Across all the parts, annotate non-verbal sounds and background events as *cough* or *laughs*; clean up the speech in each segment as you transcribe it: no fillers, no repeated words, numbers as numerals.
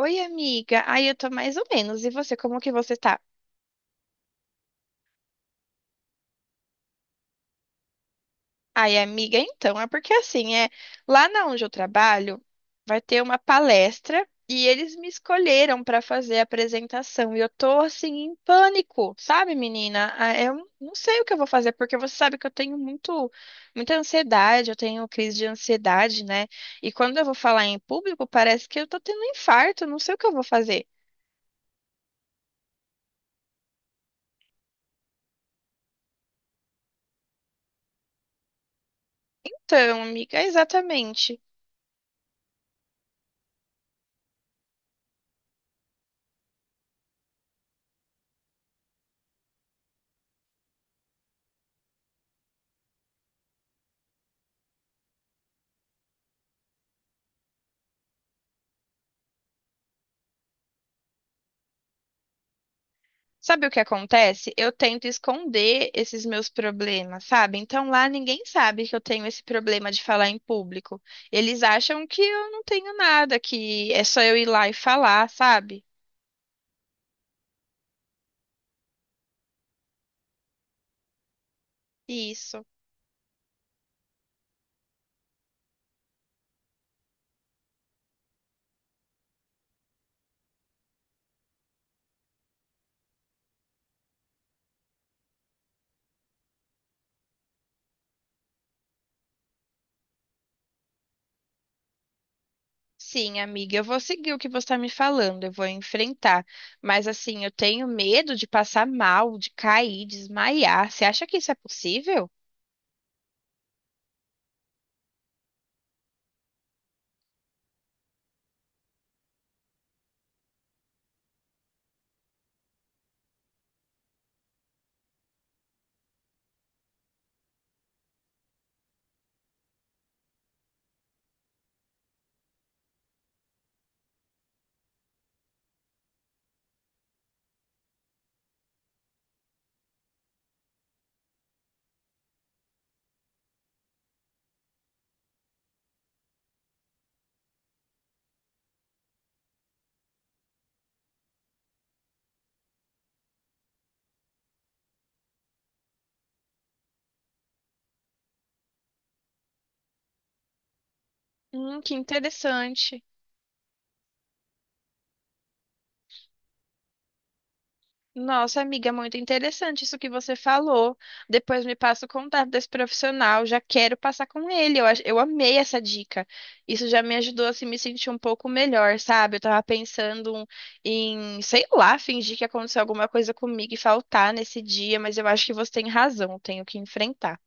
Oi, amiga. Ai, eu tô mais ou menos. E você, como que você tá? Ai, amiga, então, é porque assim, é, lá na onde eu trabalho, vai ter uma palestra e eles me escolheram pra fazer a apresentação e eu tô assim em pânico, sabe, menina? Ah, eu não sei o que eu vou fazer porque você sabe que eu tenho muito muita ansiedade, eu tenho crise de ansiedade, né? E quando eu vou falar em público, parece que eu tô tendo um infarto, eu não sei o que eu vou fazer. Então, amiga, é exatamente. Sabe o que acontece? Eu tento esconder esses meus problemas, sabe? Então lá ninguém sabe que eu tenho esse problema de falar em público. Eles acham que eu não tenho nada, que é só eu ir lá e falar, sabe? Isso. Sim, amiga, eu vou seguir o que você está me falando, eu vou enfrentar. Mas assim, eu tenho medo de passar mal, de cair, de desmaiar. Você acha que isso é possível? Que interessante. Nossa, amiga, é muito interessante isso que você falou. Depois me passa o contato desse profissional, já quero passar com ele. Eu amei essa dica. Isso já me ajudou a assim, me sentir um pouco melhor, sabe? Eu tava pensando em, sei lá, fingir que aconteceu alguma coisa comigo e faltar nesse dia, mas eu acho que você tem razão, eu tenho que enfrentar.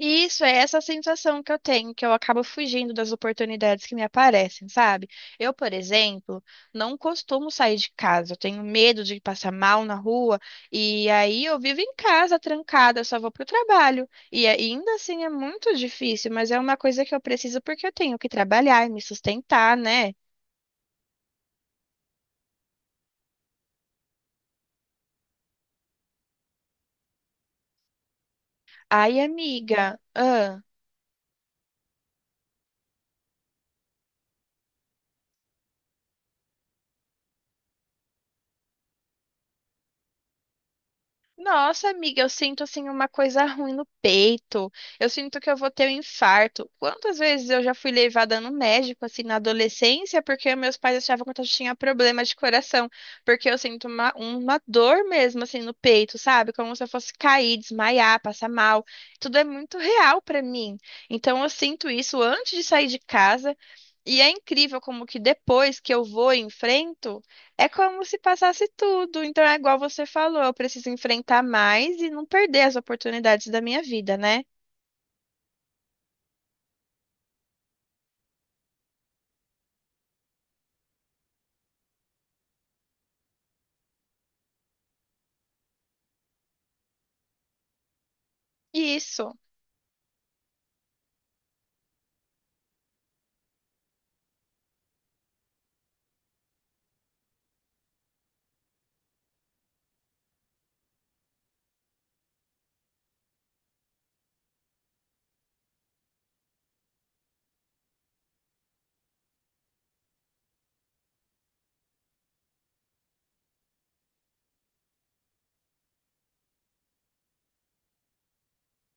Isso é essa sensação que eu tenho, que eu acabo fugindo das oportunidades que me aparecem, sabe? Eu, por exemplo, não costumo sair de casa, eu tenho medo de passar mal na rua, e aí eu vivo em casa trancada, eu só vou pro trabalho. E ainda assim é muito difícil, mas é uma coisa que eu preciso porque eu tenho que trabalhar e me sustentar, né? Ai, amiga, Nossa, amiga, eu sinto assim uma coisa ruim no peito. Eu sinto que eu vou ter um infarto. Quantas vezes eu já fui levada no médico assim na adolescência porque meus pais achavam que eu tinha problema de coração, porque eu sinto uma dor mesmo assim no peito, sabe? Como se eu fosse cair, desmaiar, passar mal. Tudo é muito real pra mim. Então eu sinto isso antes de sair de casa. E é incrível como que depois que eu vou e enfrento é como se passasse tudo. Então é igual você falou, eu preciso enfrentar mais e não perder as oportunidades da minha vida, né? Isso.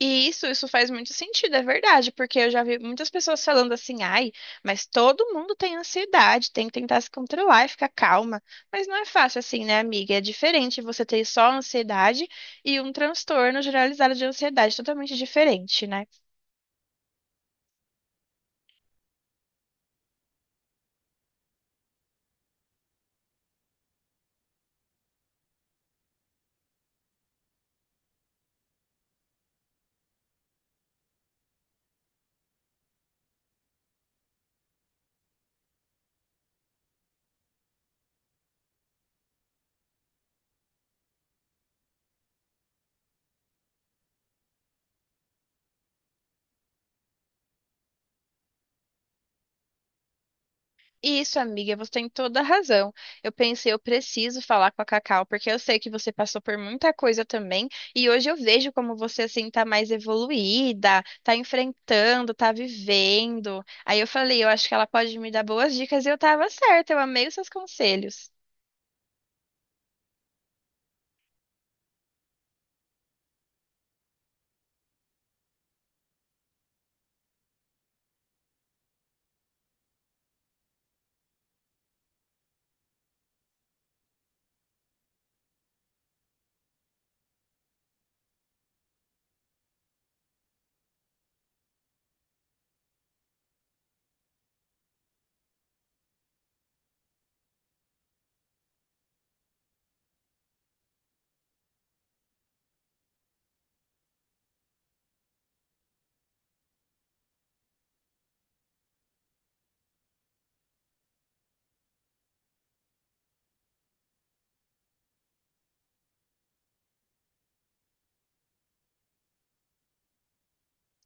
E isso faz muito sentido, é verdade, porque eu já vi muitas pessoas falando assim, ai, mas todo mundo tem ansiedade, tem que tentar se controlar e ficar calma. Mas não é fácil assim, né, amiga? É diferente você ter só ansiedade e um transtorno generalizado de ansiedade, totalmente diferente, né? Isso, amiga, você tem toda a razão. Eu pensei, eu preciso falar com a Cacau, porque eu sei que você passou por muita coisa também, e hoje eu vejo como você assim tá mais evoluída, tá enfrentando, tá vivendo. Aí eu falei, eu acho que ela pode me dar boas dicas e eu tava certa, eu amei os seus conselhos.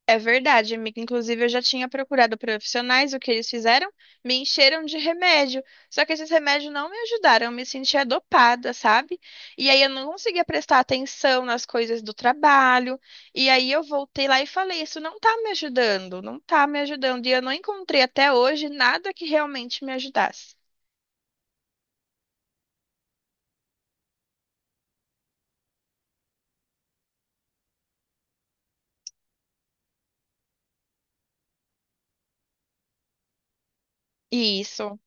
É verdade, amiga. Inclusive, eu já tinha procurado profissionais, o que eles fizeram? Me encheram de remédio. Só que esses remédios não me ajudaram, eu me sentia dopada, sabe? E aí eu não conseguia prestar atenção nas coisas do trabalho. E aí eu voltei lá e falei: isso não tá me ajudando, não tá me ajudando. E eu não encontrei até hoje nada que realmente me ajudasse. Isso.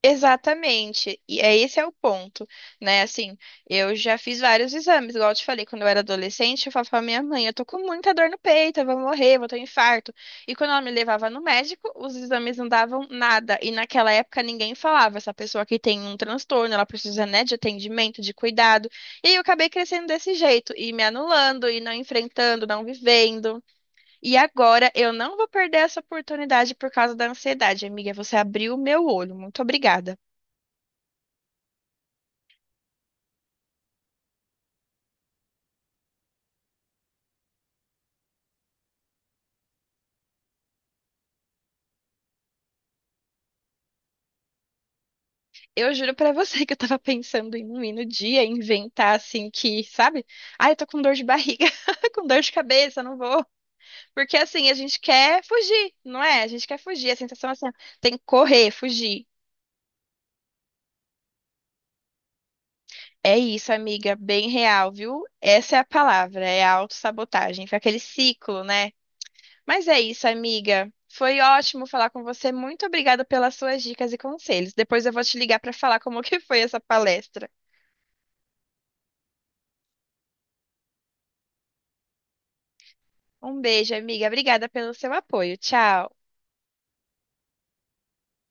Exatamente, e esse é o ponto, né? Assim, eu já fiz vários exames, igual eu te falei, quando eu era adolescente, eu falava pra minha mãe, eu tô com muita dor no peito, eu vou morrer, vou ter um infarto. E quando ela me levava no médico, os exames não davam nada. E naquela época ninguém falava, essa pessoa que tem um transtorno, ela precisa, né, de atendimento, de cuidado. E aí eu acabei crescendo desse jeito, e me anulando, e não enfrentando, não vivendo. E agora eu não vou perder essa oportunidade por causa da ansiedade, amiga. Você abriu o meu olho. Muito obrigada. Eu juro pra você que eu tava pensando em um ir no dia, inventar assim que, sabe? Ah, eu tô com dor de barriga, *laughs* com dor de cabeça, não vou. Porque assim, a gente quer fugir, não é? A gente quer fugir, a sensação é assim, ó, tem que correr, fugir. É isso, amiga, bem real, viu? Essa é a palavra, é a autossabotagem, foi aquele ciclo, né? Mas é isso, amiga. Foi ótimo falar com você. Muito obrigada pelas suas dicas e conselhos. Depois eu vou te ligar pra falar como *laughs* que foi essa palestra. Um beijo, amiga. Obrigada pelo seu apoio. Tchau.